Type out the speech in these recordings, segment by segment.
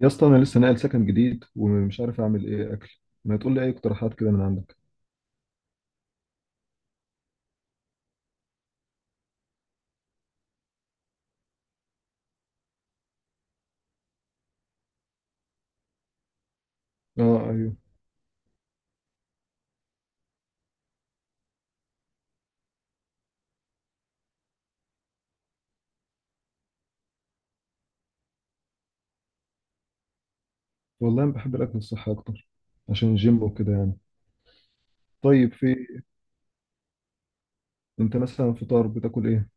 يا اسطى انا لسه ناقل سكن جديد ومش عارف اعمل ايه اكل. ما تقول لي اي اقتراحات كده من عندك. اه ايوه، والله انا بحب الاكل الصحي اكتر عشان الجيم وكده يعني. طيب، في انت مثلا فطار بتاكل ايه؟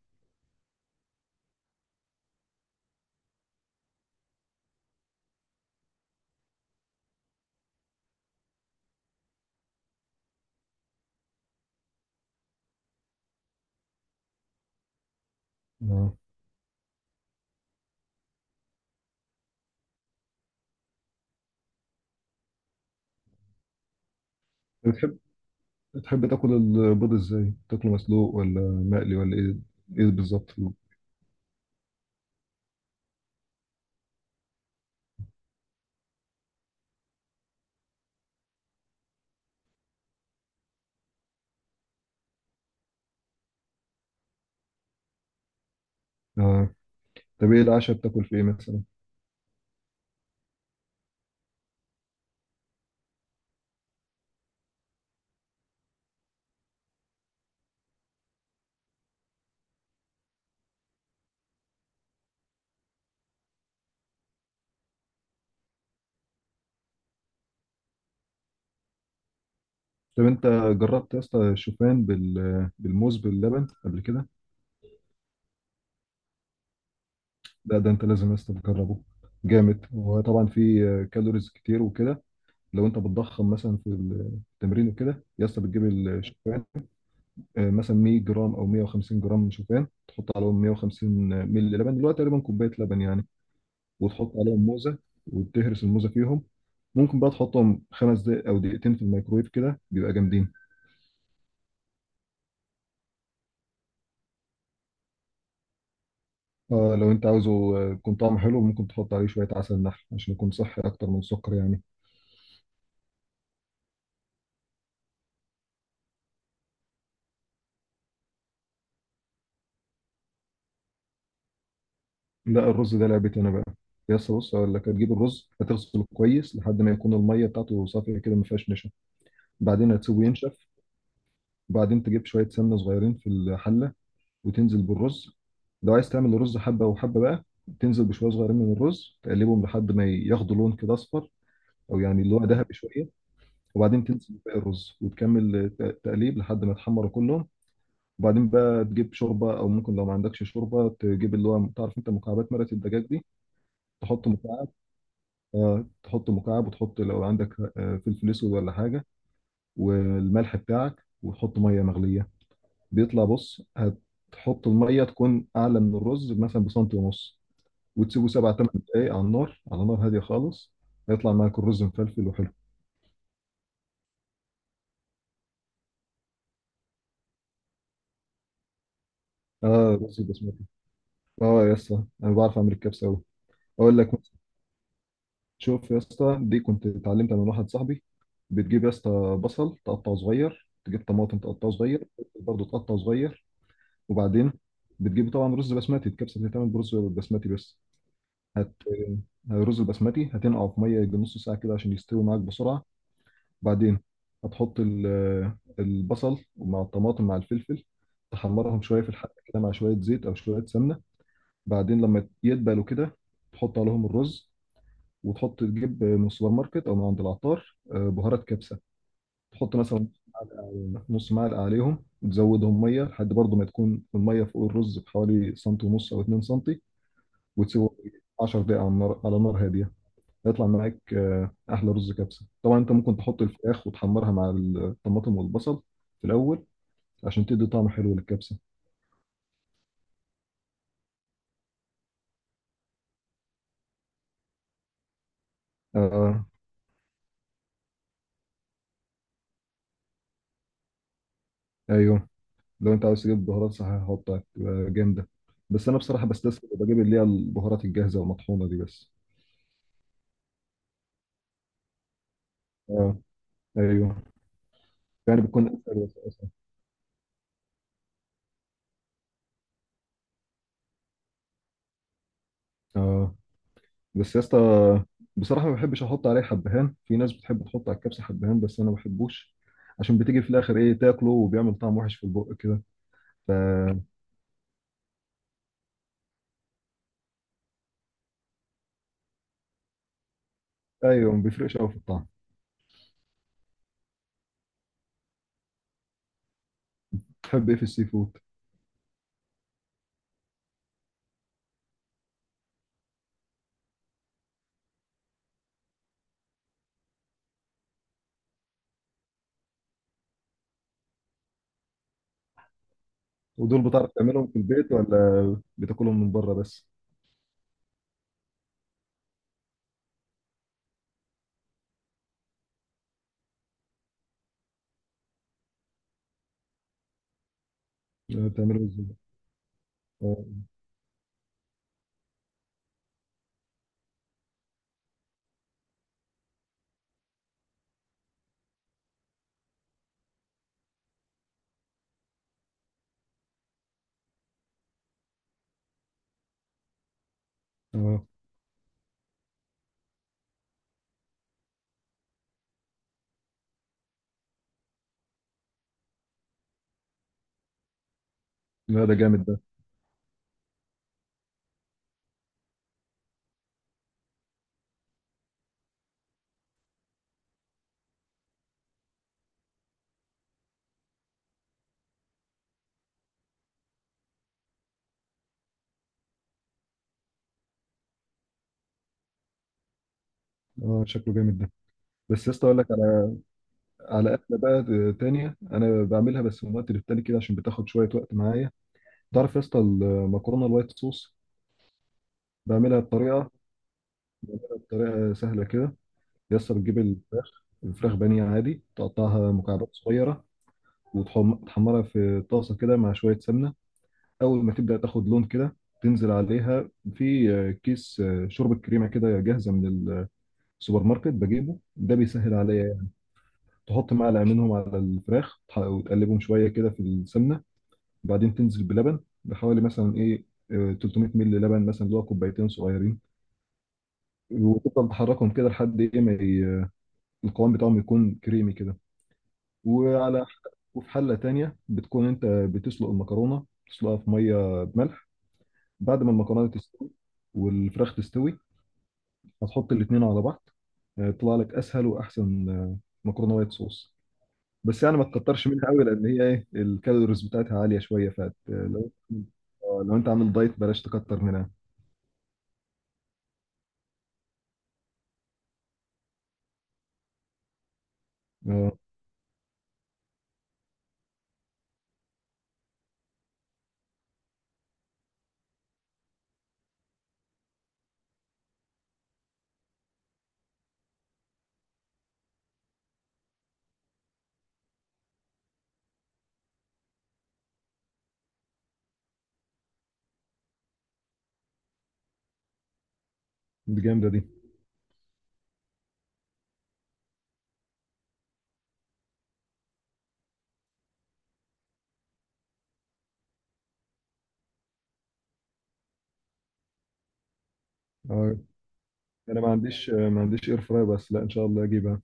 اه. بتحب بتحب تاكل البيض ازاي؟ تاكله مسلوق ولا مقلي ولا ايه؟ ايه بالظبط؟ اه. طب ايه العشاء؟ بتاكل في ايه مثلا؟ طب انت جربت يا اسطى الشوفان بالموز باللبن قبل كده؟ لا، ده انت لازم يا اسطى تجربه. جامد، وطبعا فيه كالوريز كتير وكده. لو انت بتضخم مثلا في التمرين وكده يا اسطى بتجيب الشوفان، مثلا 100 جرام او 150 جرام شوفان، تحط عليهم 150 مللي لبن، دلوقتي تقريبا كوبايه لبن يعني. وتحط عليهم موزه وتهرس الموزه فيهم. ممكن بقى تحطهم 5 دقايق او دقيقتين في الميكرويف، كده بيبقى جامدين. اه لو انت عاوزه يكون طعمه حلو، ممكن تحط عليه شويه عسل نحل عشان يكون صحي اكتر من السكر يعني. لا، الرز ده لعبتي انا بقى. يا اسطى بص، اقول لك هتجيب الرز، هتغسله كويس لحد ما يكون الميه بتاعته صافيه كده، ما فيهاش نشا. بعدين هتسيبه ينشف، وبعدين تجيب شوية سمنة صغيرين في الحلة وتنزل بالرز. لو عايز تعمل الرز حبة وحبة بقى، تنزل بشوية صغيرين من الرز تقلبهم لحد ما ياخدوا لون كده أصفر، أو يعني اللي هو ذهبي شوية. وبعدين تنزل بباقي الرز وتكمل تقليب لحد ما يتحمروا كلهم. وبعدين بقى تجيب شوربة، أو ممكن لو ما عندكش شوربة تجيب اللي هو تعرف أنت مكعبات مرقة الدجاج دي. تحط مكعب، تحط مكعب، وتحط لو عندك فلفل أسود ولا حاجة، والملح بتاعك، وتحط مية مغلية. بيطلع، بص، هتحط الميه تكون اعلى من الرز مثلا بسنتي ونص. وتسيبه 7 8 دقايق على النار، على نار هاديه خالص. هيطلع معاك الرز مفلفل وحلو. اه، رز بسمتي. اه يا اسطى، انا بعرف اعمل الكبسه قوي. اقول لك مثلا، شوف يا اسطى، دي كنت اتعلمتها من واحد صاحبي. بتجيب يا اسطى بصل تقطعه صغير، تجيب طماطم تقطعه صغير، برضه تقطعه صغير. وبعدين بتجيب طبعا رز بسمتي، الكبسه بتتعمل برز بسمتي بس. هت الرز البسمتي هتنقعه في ميه يجي نص ساعه كده عشان يستوي معاك بسرعه. بعدين هتحط البصل مع الطماطم مع الفلفل، تحمرهم شويه في الحله كده مع شويه زيت او شويه سمنه. بعدين لما يدبلوا كده، تحط عليهم الرز، وتحط تجيب من السوبر ماركت او من عند العطار بهارات كبسه. تحط مثلا نص معلقه عليهم، وتزودهم ميه لحد برضه ما تكون الميه فوق الرز بحوالي سنتي ونص او 2 سنتي. وتسيبهم 10 دقائق على النار، على نار هاديه. هيطلع معاك احلى رز كبسه. طبعا انت ممكن تحط الفراخ وتحمرها مع الطماطم والبصل في الاول عشان تدي طعم حلو للكبسه. آه. ايوه، لو انت عاوز تجيب بهارات صحيحه هحطها تبقى جامده، بس انا بصراحه بستسهل وبجيب اللي هي البهارات الجاهزه والمطحونه دي بس. آه ايوه. يعني بتكون اسهل واسهل. اه، بس يا اسطى بصراحه ما بحبش احط عليه حبهان. في ناس بتحب تحط على الكبسه حبهان، بس انا ما بحبوش عشان بتيجي في الاخر ايه تاكله وبيعمل طعم وحش في البق كده. ف ايوه، ما بيفرقش قوي في الطعم. تحب ايه في السي فود؟ ودول بتعرف تعملهم في البيت ولا بتاكلهم من بره بس؟ بتعملهم ازاي؟ اه. آه. لا، ده جامد ده. اه، شكله جامد ده. بس يا اسطى اقول لك على، على اكله بقى تانية انا بعملها بس من وقت للتاني كده عشان بتاخد شويه وقت معايا. تعرف يا اسطى المكرونه الوايت صوص؟ بعملها بطريقه، بطريقه سهله كده. يا اسطى بتجيب الفراخ، الفراخ بانيه عادي، تقطعها مكعبات صغيره وتحمرها في طاسه كده مع شويه سمنه. اول ما تبدا تاخد لون كده، تنزل عليها في كيس شوربه كريمه كده جاهزه من السوبر ماركت، بجيبه ده بيسهل عليا. تحط معلقه منهم على الفراخ، وتقلبهم شويه كده في السمنه. بعدين تنزل بلبن بحوالي مثلا ايه، 300 مللي لبن مثلا، اللي هو كوبايتين صغيرين. وتفضل تحركهم كده لحد ايه ما القوام بتاعهم يكون كريمي كده. وعلى، وفي حله تانية بتكون انت بتسلق المكرونه، تسلقها في ميه بملح. بعد ما المكرونه تستوي والفراخ تستوي، هتحط الاتنين على بعض. يطلع لك اسهل واحسن مكرونه وايت صوص. بس يعني ما تكترش منها قوي، لان هي ايه الكالوريز بتاعتها عاليه شويه فات. لو انت عامل دايت بلاش تكتر منها. اه، دي جامده دي. اه، انا ما عنديش، ما عنديش اير فراي بس، لا ان شاء الله اجيبها.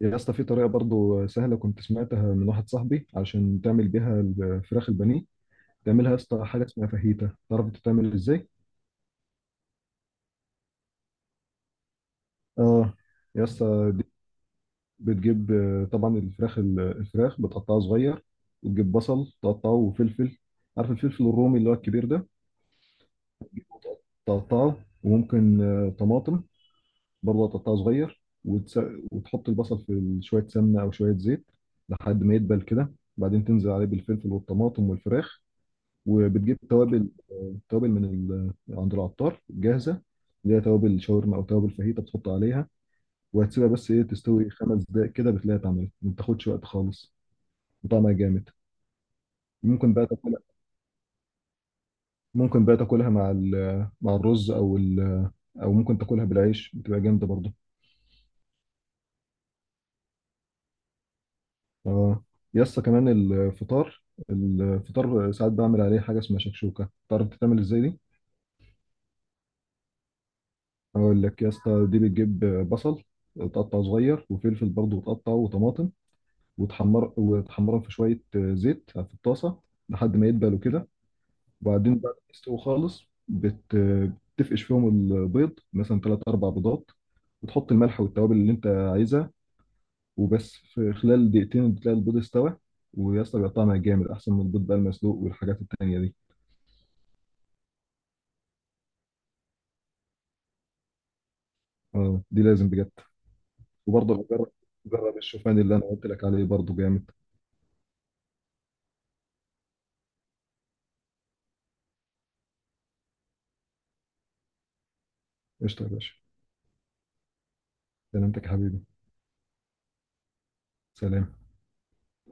يا اسطى في طريقه برضو سهله كنت سمعتها من واحد صاحبي عشان تعمل بيها الفراخ البانيه. تعملها يا اسطى حاجه اسمها فاهيتا، تعرف بتتعمل ازاي؟ اه. يا اسطى بتجيب طبعا الفراخ، الفراخ بتقطعها صغير، وتجيب بصل تقطعه وفلفل. عارف الفلفل الرومي اللي هو الكبير ده؟ تقطعه. وممكن طماطم برضه تقطعه صغير. وتحط البصل في شوية سمنة أو شوية زيت لحد ما يدبل كده، بعدين تنزل عليه بالفلفل والطماطم والفراخ. وبتجيب توابل، عند العطار جاهزة، اللي هي توابل شاورما أو توابل فاهيتا، بتحط عليها وهتسيبها بس إيه تستوي 5 دقايق كده بتلاقيها اتعملت، ما بتاخدش وقت خالص. طعمها جامد. ممكن بقى تاكلها، ممكن بقى تاكلها مع مع الرز، او او ممكن تاكلها بالعيش، بتبقى جامده برضه. اه يسطا، كمان الفطار، الفطار ساعات بعمل عليه حاجه اسمها شكشوكه، تعرف تتعمل ازاي دي؟ اقول لك يا اسطى، دي بتجيب بصل تقطعه صغير، وفلفل برضه وتقطعه، وطماطم. وتحمر، وتحمرهم في شويه زيت في الطاسه لحد ما يدبلوا كده. وبعدين بعد ما يستووا خالص بتفقش فيهم البيض مثلا ثلاث اربع بيضات، وتحط الملح والتوابل اللي انت عايزها، وبس في خلال دقيقتين بتلاقي البيض استوى. ويا اسطى بيبقى طعمها جامد احسن من البيض بقى المسلوق والحاجات التانية دي. اه، دي لازم بجد. وبرضه بجرب، جرب الشوفان اللي انا قلت لك عليه برضه جامد. قشطه يا باشا. سلامتك يا حبيبي. سلام.